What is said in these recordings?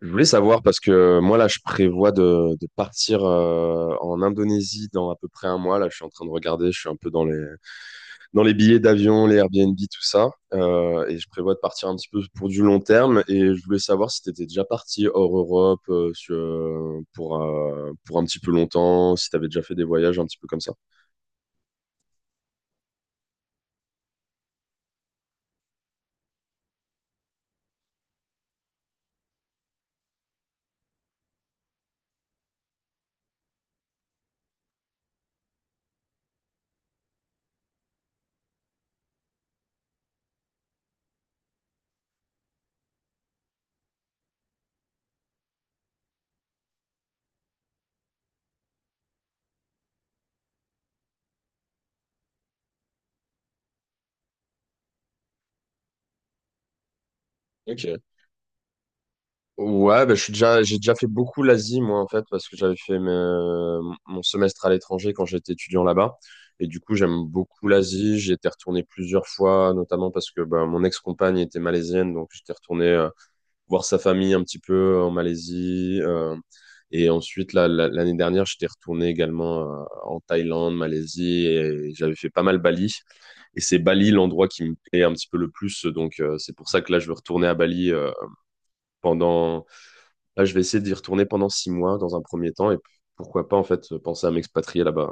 Je voulais savoir parce que moi là je prévois de partir en Indonésie dans à peu près un mois. Là je suis en train de regarder, je suis un peu dans les billets d'avion, les Airbnb, tout ça. Et je prévois de partir un petit peu pour du long terme. Et je voulais savoir si tu étais déjà parti hors Europe pour un petit peu longtemps, si tu avais déjà fait des voyages un petit peu comme ça. Ok. Ouais, bah, j'ai déjà fait beaucoup l'Asie, moi, en fait, parce que mon semestre à l'étranger quand j'étais étudiant là-bas. Et du coup, j'aime beaucoup l'Asie. J'y étais retourné plusieurs fois, notamment parce que bah, mon ex-compagne était malaisienne, donc j'étais retourné voir sa famille un petit peu en Malaisie. Et ensuite, là, l'année dernière, j'étais retourné également en Thaïlande, Malaisie, et j'avais fait pas mal Bali. Et c'est Bali l'endroit qui me plaît un petit peu le plus, donc c'est pour ça que là, je veux retourner à Bali pendant Là, je vais essayer d'y retourner pendant 6 mois dans un premier temps et puis, pourquoi pas en fait penser à m'expatrier là-bas.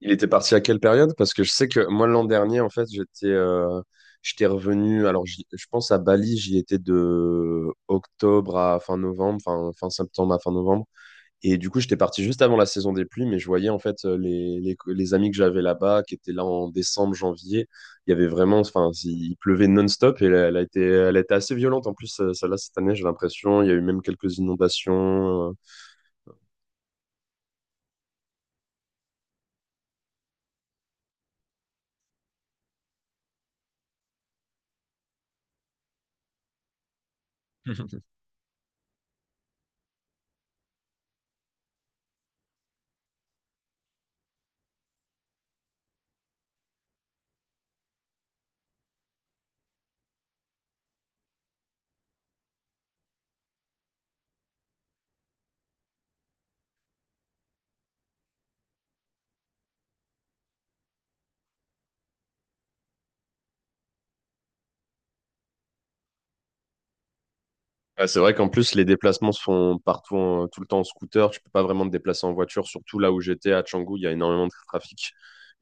Il était parti à quelle période? Parce que je sais que moi l'an dernier en fait j'étais revenu. Alors je pense à Bali, j'y étais de octobre à fin novembre, fin septembre à fin novembre. Et du coup, j'étais parti juste avant la saison des pluies, mais je voyais en fait les amis que j'avais là-bas, qui étaient là en décembre, janvier. Il y avait vraiment, enfin, il pleuvait non-stop et elle, elle a été assez violente. En plus, celle-là, cette année, j'ai l'impression, il y a eu même quelques inondations. Ah, c'est vrai qu'en plus, les déplacements se font partout, tout le temps en scooter. Tu peux pas vraiment te déplacer en voiture, surtout là où j'étais à Canggu, il y a énormément de trafic.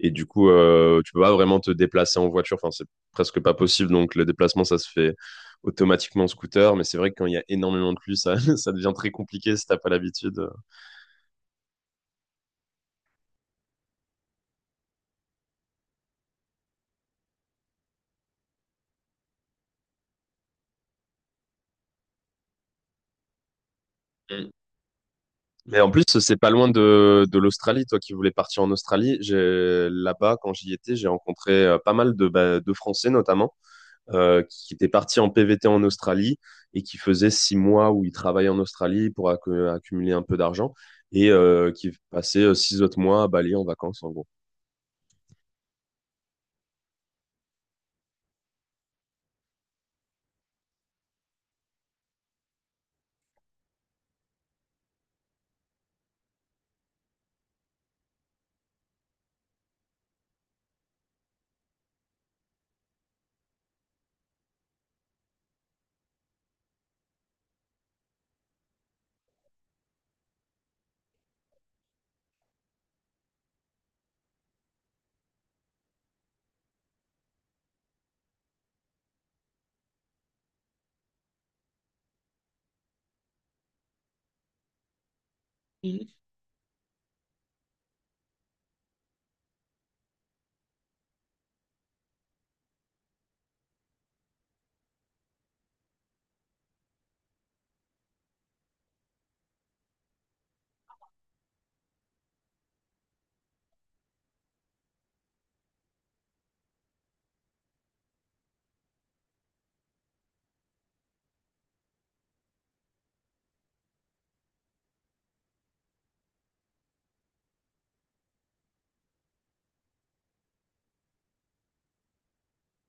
Et du coup, tu peux pas vraiment te déplacer en voiture. Enfin, c'est presque pas possible. Donc, le déplacement, ça se fait automatiquement en scooter. Mais c'est vrai que quand il y a énormément de pluie, ça, ça devient très compliqué si t'as pas l'habitude. Mm. Mais en plus, c'est pas loin de l'Australie. Toi qui voulais partir en Australie, j'ai, là-bas, quand j'y étais, j'ai rencontré pas mal de, bah, de Français, notamment qui était parti en PVT en Australie et qui faisait 6 mois où il travaillait en Australie pour accumuler un peu d'argent et qui passait six autres mois à Bali en vacances en gros.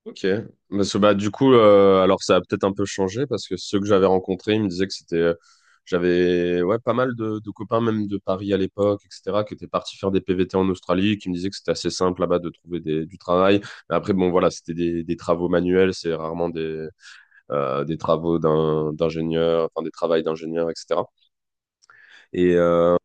Ok. Parce que, bah, du coup, alors ça a peut-être un peu changé parce que ceux que j'avais rencontrés, ils me disaient que c'était. J'avais ouais, pas mal de copains, même de Paris à l'époque, etc., qui étaient partis faire des PVT en Australie, qui me disaient que c'était assez simple là-bas de trouver du travail. Mais après, bon, voilà, c'était des travaux manuels, c'est rarement des travaux d'ingénieur, enfin des travails d'ingénieur, etc. Et euh,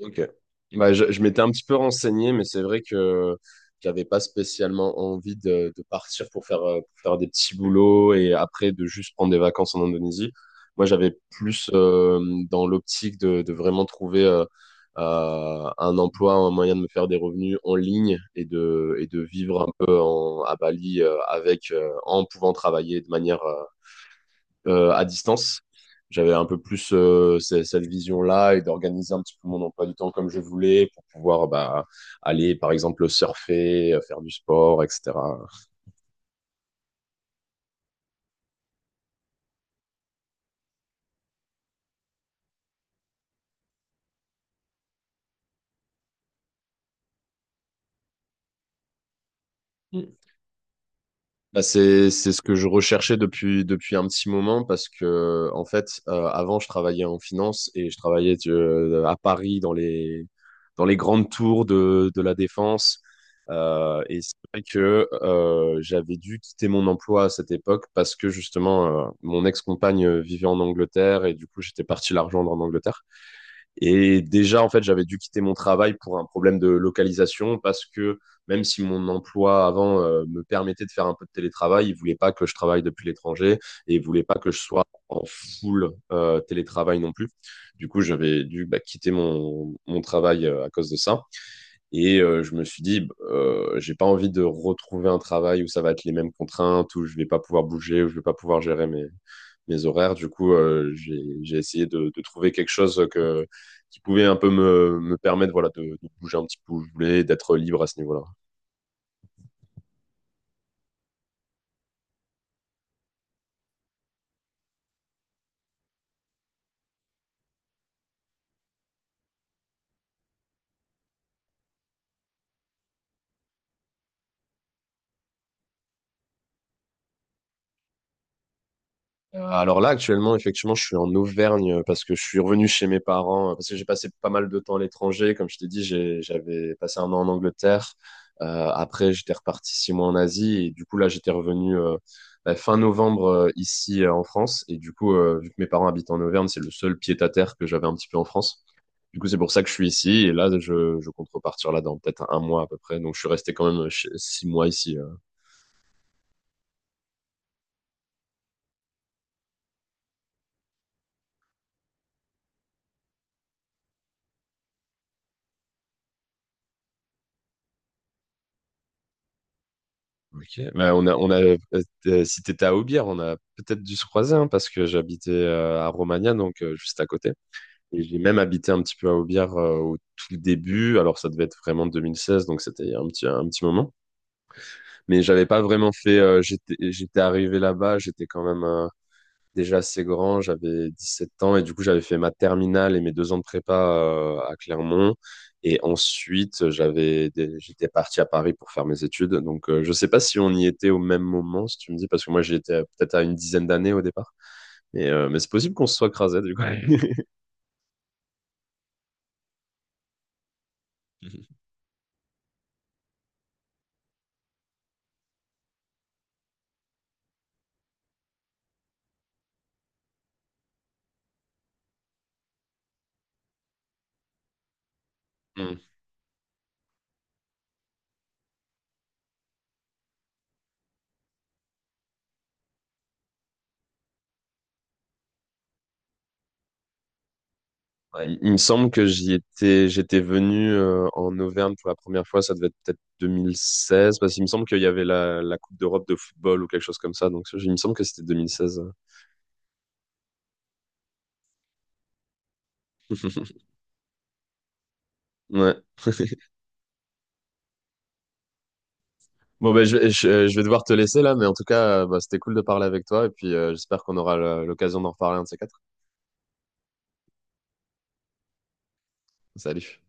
ok. Bah, je m'étais un petit peu renseigné, mais c'est vrai que j'avais pas spécialement envie de partir pour faire des petits boulots et après de juste prendre des vacances en Indonésie. Moi, j'avais plus dans l'optique de vraiment trouver un emploi, un moyen de me faire des revenus en ligne et de vivre un peu à Bali en pouvant travailler de manière à distance. J'avais un peu plus cette vision-là et d'organiser un petit peu mon emploi du temps comme je voulais pour pouvoir bah, aller, par exemple, surfer, faire du sport, etc. Bah, c'est ce que je recherchais depuis un petit moment parce que en fait avant je travaillais en finance et je travaillais à Paris dans les grandes tours de la Défense et c'est vrai que j'avais dû quitter mon emploi à cette époque parce que justement mon ex-compagne vivait en Angleterre et du coup j'étais parti la rejoindre en Angleterre et déjà, en fait, j'avais dû quitter mon travail pour un problème de localisation parce que même si mon emploi avant me permettait de faire un peu de télétravail, il voulait pas que je travaille depuis l'étranger et il voulait pas que je sois en full télétravail non plus. Du coup, j'avais dû bah, quitter mon travail à cause de ça. Et je me suis dit, bah, j'ai pas envie de retrouver un travail où ça va être les mêmes contraintes, où je vais pas pouvoir bouger, où je vais pas pouvoir gérer mes horaires. Du coup, j'ai essayé de trouver quelque chose qui pouvait un peu me permettre voilà, de bouger un petit peu où je voulais, d'être libre à ce niveau-là. Alors là, actuellement, effectivement, je suis en Auvergne parce que je suis revenu chez mes parents, parce que j'ai passé pas mal de temps à l'étranger. Comme je t'ai dit, j'avais passé 1 an en Angleterre. Après, j'étais reparti 6 mois en Asie. Et du coup, là, j'étais revenu bah, fin novembre ici en France. Et du coup, vu que mes parents habitent en Auvergne, c'est le seul pied-à-terre que j'avais un petit peu en France. Du coup, c'est pour ça que je suis ici. Et là, je compte repartir là dans peut-être un mois à peu près. Donc, je suis resté quand même 6 mois ici. Ok. Bah, si t'étais à Aubière, on a peut-être dû se croiser hein, parce que j'habitais à Romagna, donc juste à côté. Et j'ai même habité un petit peu à Aubière au tout début. Alors, ça devait être vraiment 2016, donc c'était il y a un petit moment. Mais j'avais pas vraiment j'étais arrivé là-bas. J'étais quand même. Déjà assez grand, j'avais 17 ans et du coup j'avais fait ma terminale et mes 2 ans de prépa à Clermont. Et ensuite, j'étais parti à Paris pour faire mes études. Donc, je ne sais pas si on y était au même moment, si tu me dis, parce que moi, peut-être à une dizaine d'années au départ. Mais c'est possible qu'on se soit crasé, du coup. Hmm. Ouais, il me semble que j'y étais, j'étais venu en Auvergne pour la première fois, ça devait être peut-être 2016, parce qu'il me semble qu'il y avait la Coupe d'Europe de football ou quelque chose comme ça. Donc, il me semble que c'était 2016. Ouais. Bon, ben, je vais devoir te laisser là, mais en tout cas, bah, c'était cool de parler avec toi et puis j'espère qu'on aura l'occasion d'en reparler un de ces quatre. Salut.